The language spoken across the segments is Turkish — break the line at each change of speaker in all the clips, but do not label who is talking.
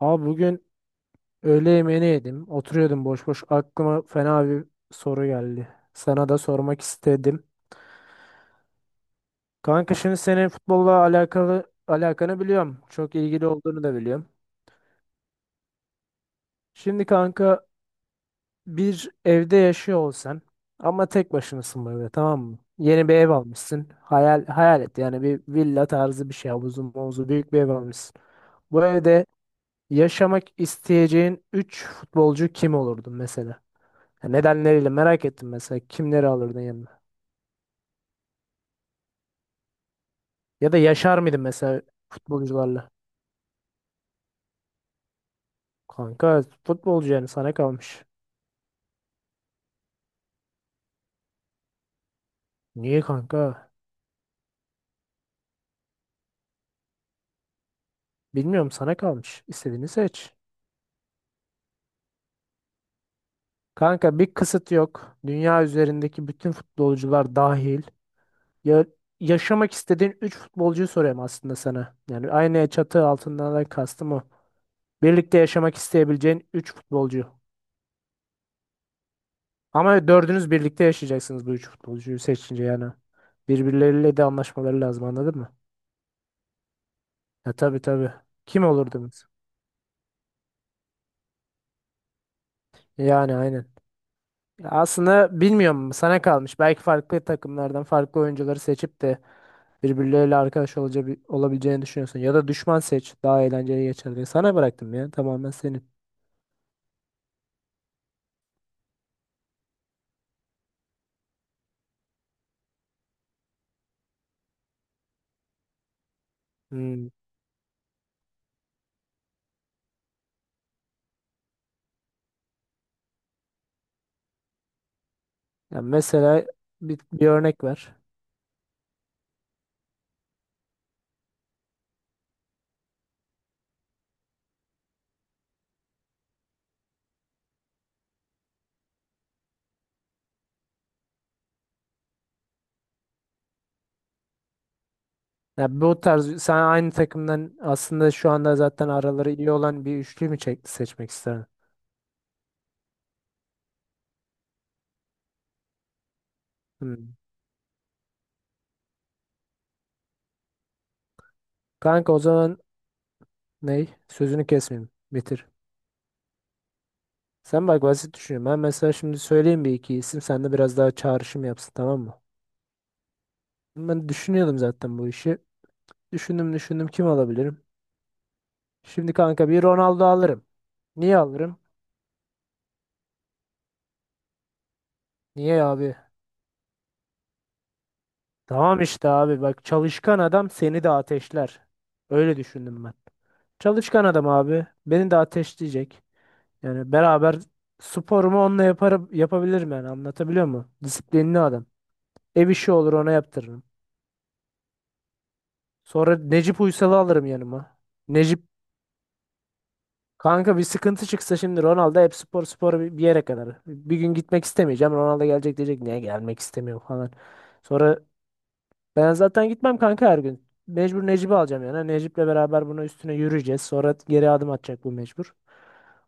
Abi bugün öğle yemeğini yedim. Oturuyordum boş boş. Aklıma fena bir soru geldi. Sana da sormak istedim. Kanka şimdi senin futbolla alakalı alakanı biliyorum. Çok ilgili olduğunu da biliyorum. Şimdi kanka bir evde yaşıyor olsan ama tek başınasın böyle tamam mı? Yeni bir ev almışsın. Hayal et yani bir villa tarzı bir şey. Havuzu mavuzu büyük bir ev almışsın. Bu evde yaşamak isteyeceğin 3 futbolcu kim olurdu mesela? Ya Nedenleriyle merak ettim mesela kimleri alırdın yanına? Ya da yaşar mıydın mesela futbolcularla? Kanka futbolcu yani sana kalmış. Niye kanka? Bilmiyorum sana kalmış. İstediğini seç. Kanka bir kısıt yok. Dünya üzerindeki bütün futbolcular dahil. Ya, yaşamak istediğin 3 futbolcuyu soruyorum aslında sana. Yani aynı çatı altından da kastım o. Birlikte yaşamak isteyebileceğin 3 futbolcu. Ama dördünüz birlikte yaşayacaksınız bu üç futbolcuyu seçince yani. Birbirleriyle de anlaşmaları lazım anladın mı? Ya tabii tabii. Kim olurdunuz? Yani aynen. Ya aslında bilmiyorum sana kalmış. Belki farklı takımlardan farklı oyuncuları seçip de birbirleriyle arkadaş olabileceğini düşünüyorsun. Ya da düşman seç daha eğlenceli geçer diye. Sana bıraktım ya tamamen senin. Hmm. Ya mesela bir örnek ver. Ya bu tarz sen aynı takımdan aslında şu anda zaten araları iyi olan bir üçlü mü seçmek isterdin? Hmm. Kanka o zaman ney? Sözünü kesmeyeyim. Bitir. Sen bak basit düşünüyorum. Ben mesela şimdi söyleyeyim bir iki isim. Sen de biraz daha çağrışım yapsın tamam mı? Ben düşünüyordum zaten bu işi. Düşündüm düşündüm kim alabilirim? Şimdi kanka bir Ronaldo alırım. Niye alırım? Niye abi? Tamam işte abi bak çalışkan adam seni de ateşler. Öyle düşündüm ben. Çalışkan adam abi. Beni de ateşleyecek. Yani beraber sporumu onunla yaparım, yapabilirim yani anlatabiliyor muyum? Disiplinli adam. Ev işi olur ona yaptırırım. Sonra Necip Uysal'ı alırım yanıma. Necip kanka bir sıkıntı çıksa şimdi Ronaldo hep spor spor bir yere kadar. Bir gün gitmek istemeyeceğim. Ronaldo gelecek diyecek niye gelmek istemiyor falan. Sonra ben zaten gitmem kanka her gün. Mecbur Necip'i alacağım yani. Necip'le beraber bunun üstüne yürüyeceğiz. Sonra geri adım atacak bu mecbur.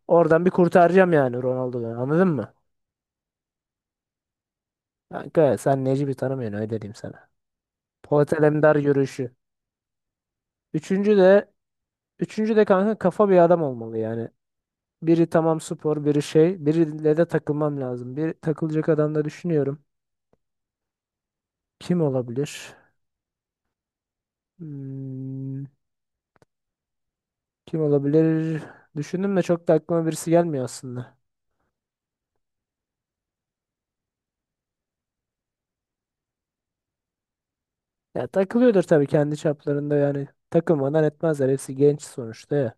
Oradan bir kurtaracağım yani Ronaldo'dan. Anladın mı? Kanka sen Necip'i tanımıyorsun öyle diyeyim sana. Polat Alemdar yürüyüşü. Üçüncü de Üçüncü de kanka kafa bir adam olmalı yani. Biri tamam spor, biri şey. Biriyle de takılmam lazım. Bir takılacak adam da düşünüyorum. Kim olabilir? Hmm, kim olabilir? Düşündüm de çok da aklıma birisi gelmiyor aslında. Ya takılıyordur tabii kendi çaplarında yani. Takılmadan etmezler. Hepsi genç sonuçta ya.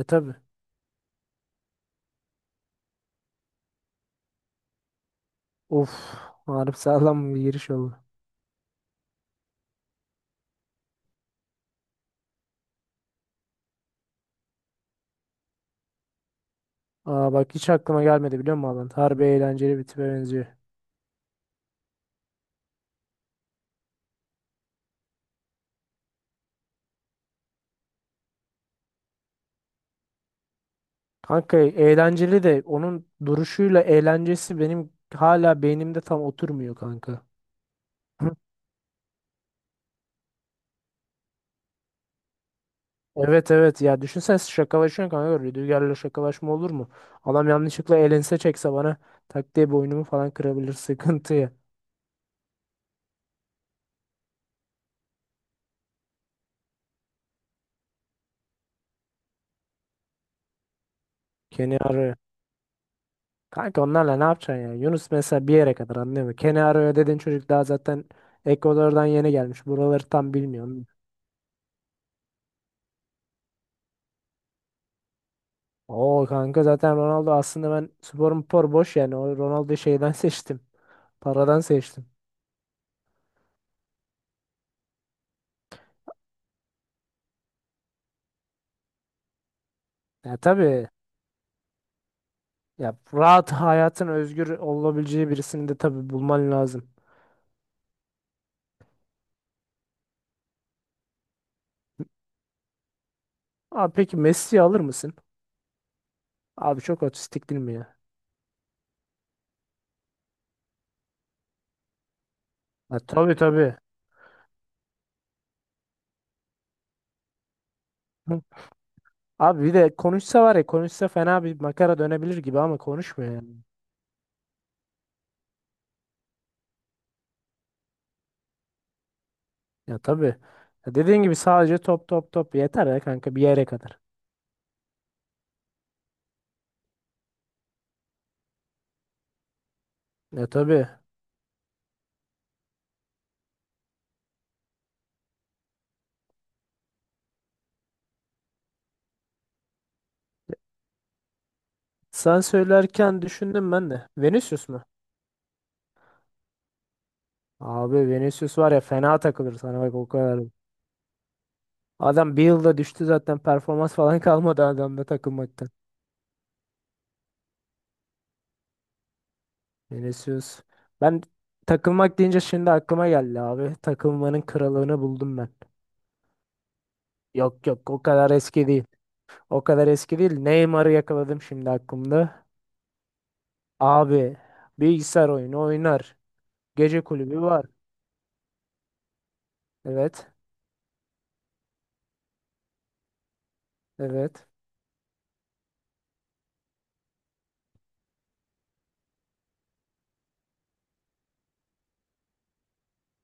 E tabii. Of. Harbi sağlam bir giriş oldu. Aa bak hiç aklıma gelmedi biliyor musun Alan? Harbi eğlenceli bir tipe benziyor. Kanka eğlenceli de onun duruşuyla eğlencesi benim hala beynimde tam oturmuyor kanka. Evet evet ya düşünsene şakalaşıyorsun kanka Rüdiger'le şakalaşma olur mu? Adam yanlışlıkla elense çekse bana tak diye boynumu falan kırabilir sıkıntı ya. Kenny arıyor. Kanka onlarla ne yapacaksın ya? Yunus mesela bir yere kadar anlıyor mu? Kenny arıyor dediğin çocuk daha zaten Ekvador'dan yeni gelmiş. Buraları tam bilmiyorum. Oo kanka zaten Ronaldo aslında ben sporum spor boş yani. O Ronaldo'yu şeyden seçtim. Paradan seçtim. Ya tabii ya rahat hayatın özgür olabileceği birisini de tabii bulman lazım. Abi peki Messi'yi alır mısın? Abi çok otistik değil mi ya? Ha, tabii tabii. Hı. Abi bir de konuşsa var ya konuşsa fena bir makara dönebilir gibi ama konuşmuyor ya. Ya tabii. Ya dediğin gibi sadece top top top yeter ya kanka bir yere kadar. Ya tabii. Sen söylerken düşündüm ben de. Vinicius mu? Abi Vinicius var ya fena takılır sana bak o kadar. Adam bir yılda düştü zaten performans falan kalmadı adamda takılmaktan. Vinicius. Ben takılmak deyince şimdi aklıma geldi abi. Takılmanın kralını buldum ben. Yok yok o kadar eski değil. O kadar eski değil. Neymar'ı yakaladım şimdi aklımda. Abi bilgisayar oyunu oynar. Gece kulübü var. Evet. Evet.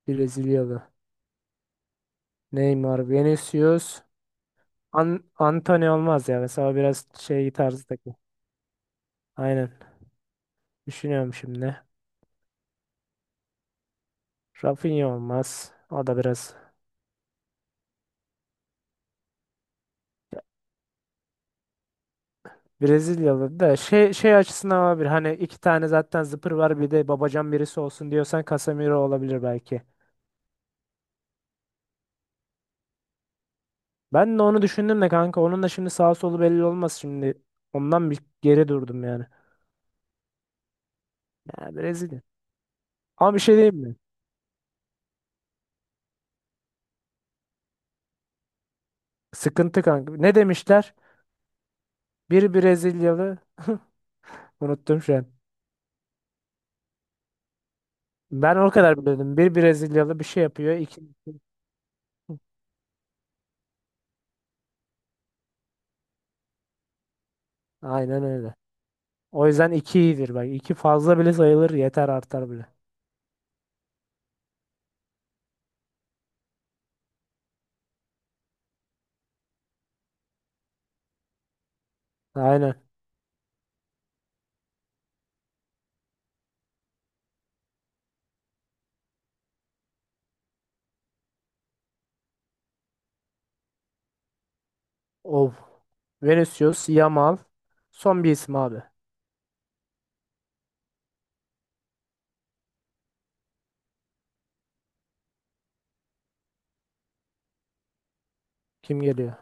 Brezilyalı. Neymar, Vinicius. Antony olmaz ya. Mesela biraz şey tarzı takı. Aynen. Düşünüyorum şimdi. Rafinha olmaz. O da biraz. Brezilyalı da şey açısından olabilir. Hani iki tane zaten zıpır var bir de babacan birisi olsun diyorsan Casemiro olabilir belki. Ben de onu düşündüm de kanka onun da şimdi sağ solu belli olmaz şimdi. Ondan bir geri durdum yani. Ya Brezilya. Ama bir şey diyeyim mi? Sıkıntı kanka. Ne demişler? Bir Brezilyalı unuttum şu an. Ben o kadar biliyordum. Bir Brezilyalı bir şey yapıyor. İki... Aynen öyle. O yüzden iki iyidir bak. İki fazla bile sayılır yeter artar bile. Aynen. Of. Vinicius, Yamal. Son bir isim abi. Kim geliyor?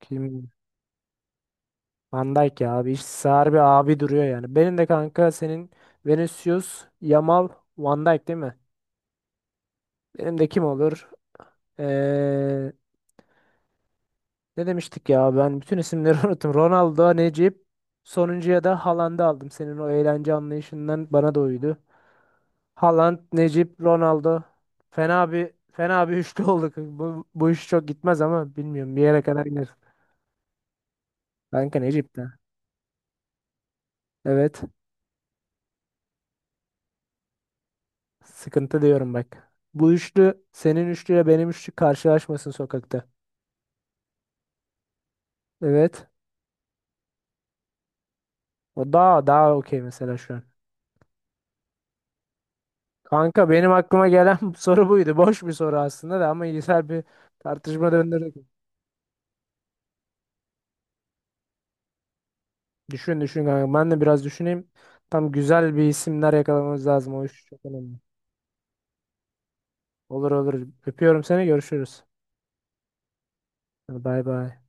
Kim? Van Dijk ya abi. İşte harbi abi duruyor yani. Benim de kanka senin Vinicius, Yamal, Van Dijk değil mi? Benim de kim olur? Ee, ne demiştik ya? Ben bütün isimleri unuttum. Ronaldo, Necip. Sonuncuya da Haaland'ı aldım. Senin o eğlence anlayışından bana da uydu. Haaland, Necip, Ronaldo. Fena bir üçlü olduk. Bu iş çok gitmez ama bilmiyorum bir yere kadar gider. Kanka Necip'te. Evet. Sıkıntı diyorum bak. Bu üçlü senin üçlüyle benim üçlü karşılaşmasın sokakta. Evet. O daha okey mesela şu an. Kanka benim aklıma gelen soru buydu. Boş bir soru aslında da ama güzel bir tartışma döndürdük. Düşün düşün kanka. Ben de biraz düşüneyim. Tam güzel bir isimler yakalamamız lazım. O iş çok önemli. Olur olur. Öpüyorum seni. Görüşürüz. Hadi Bay bay.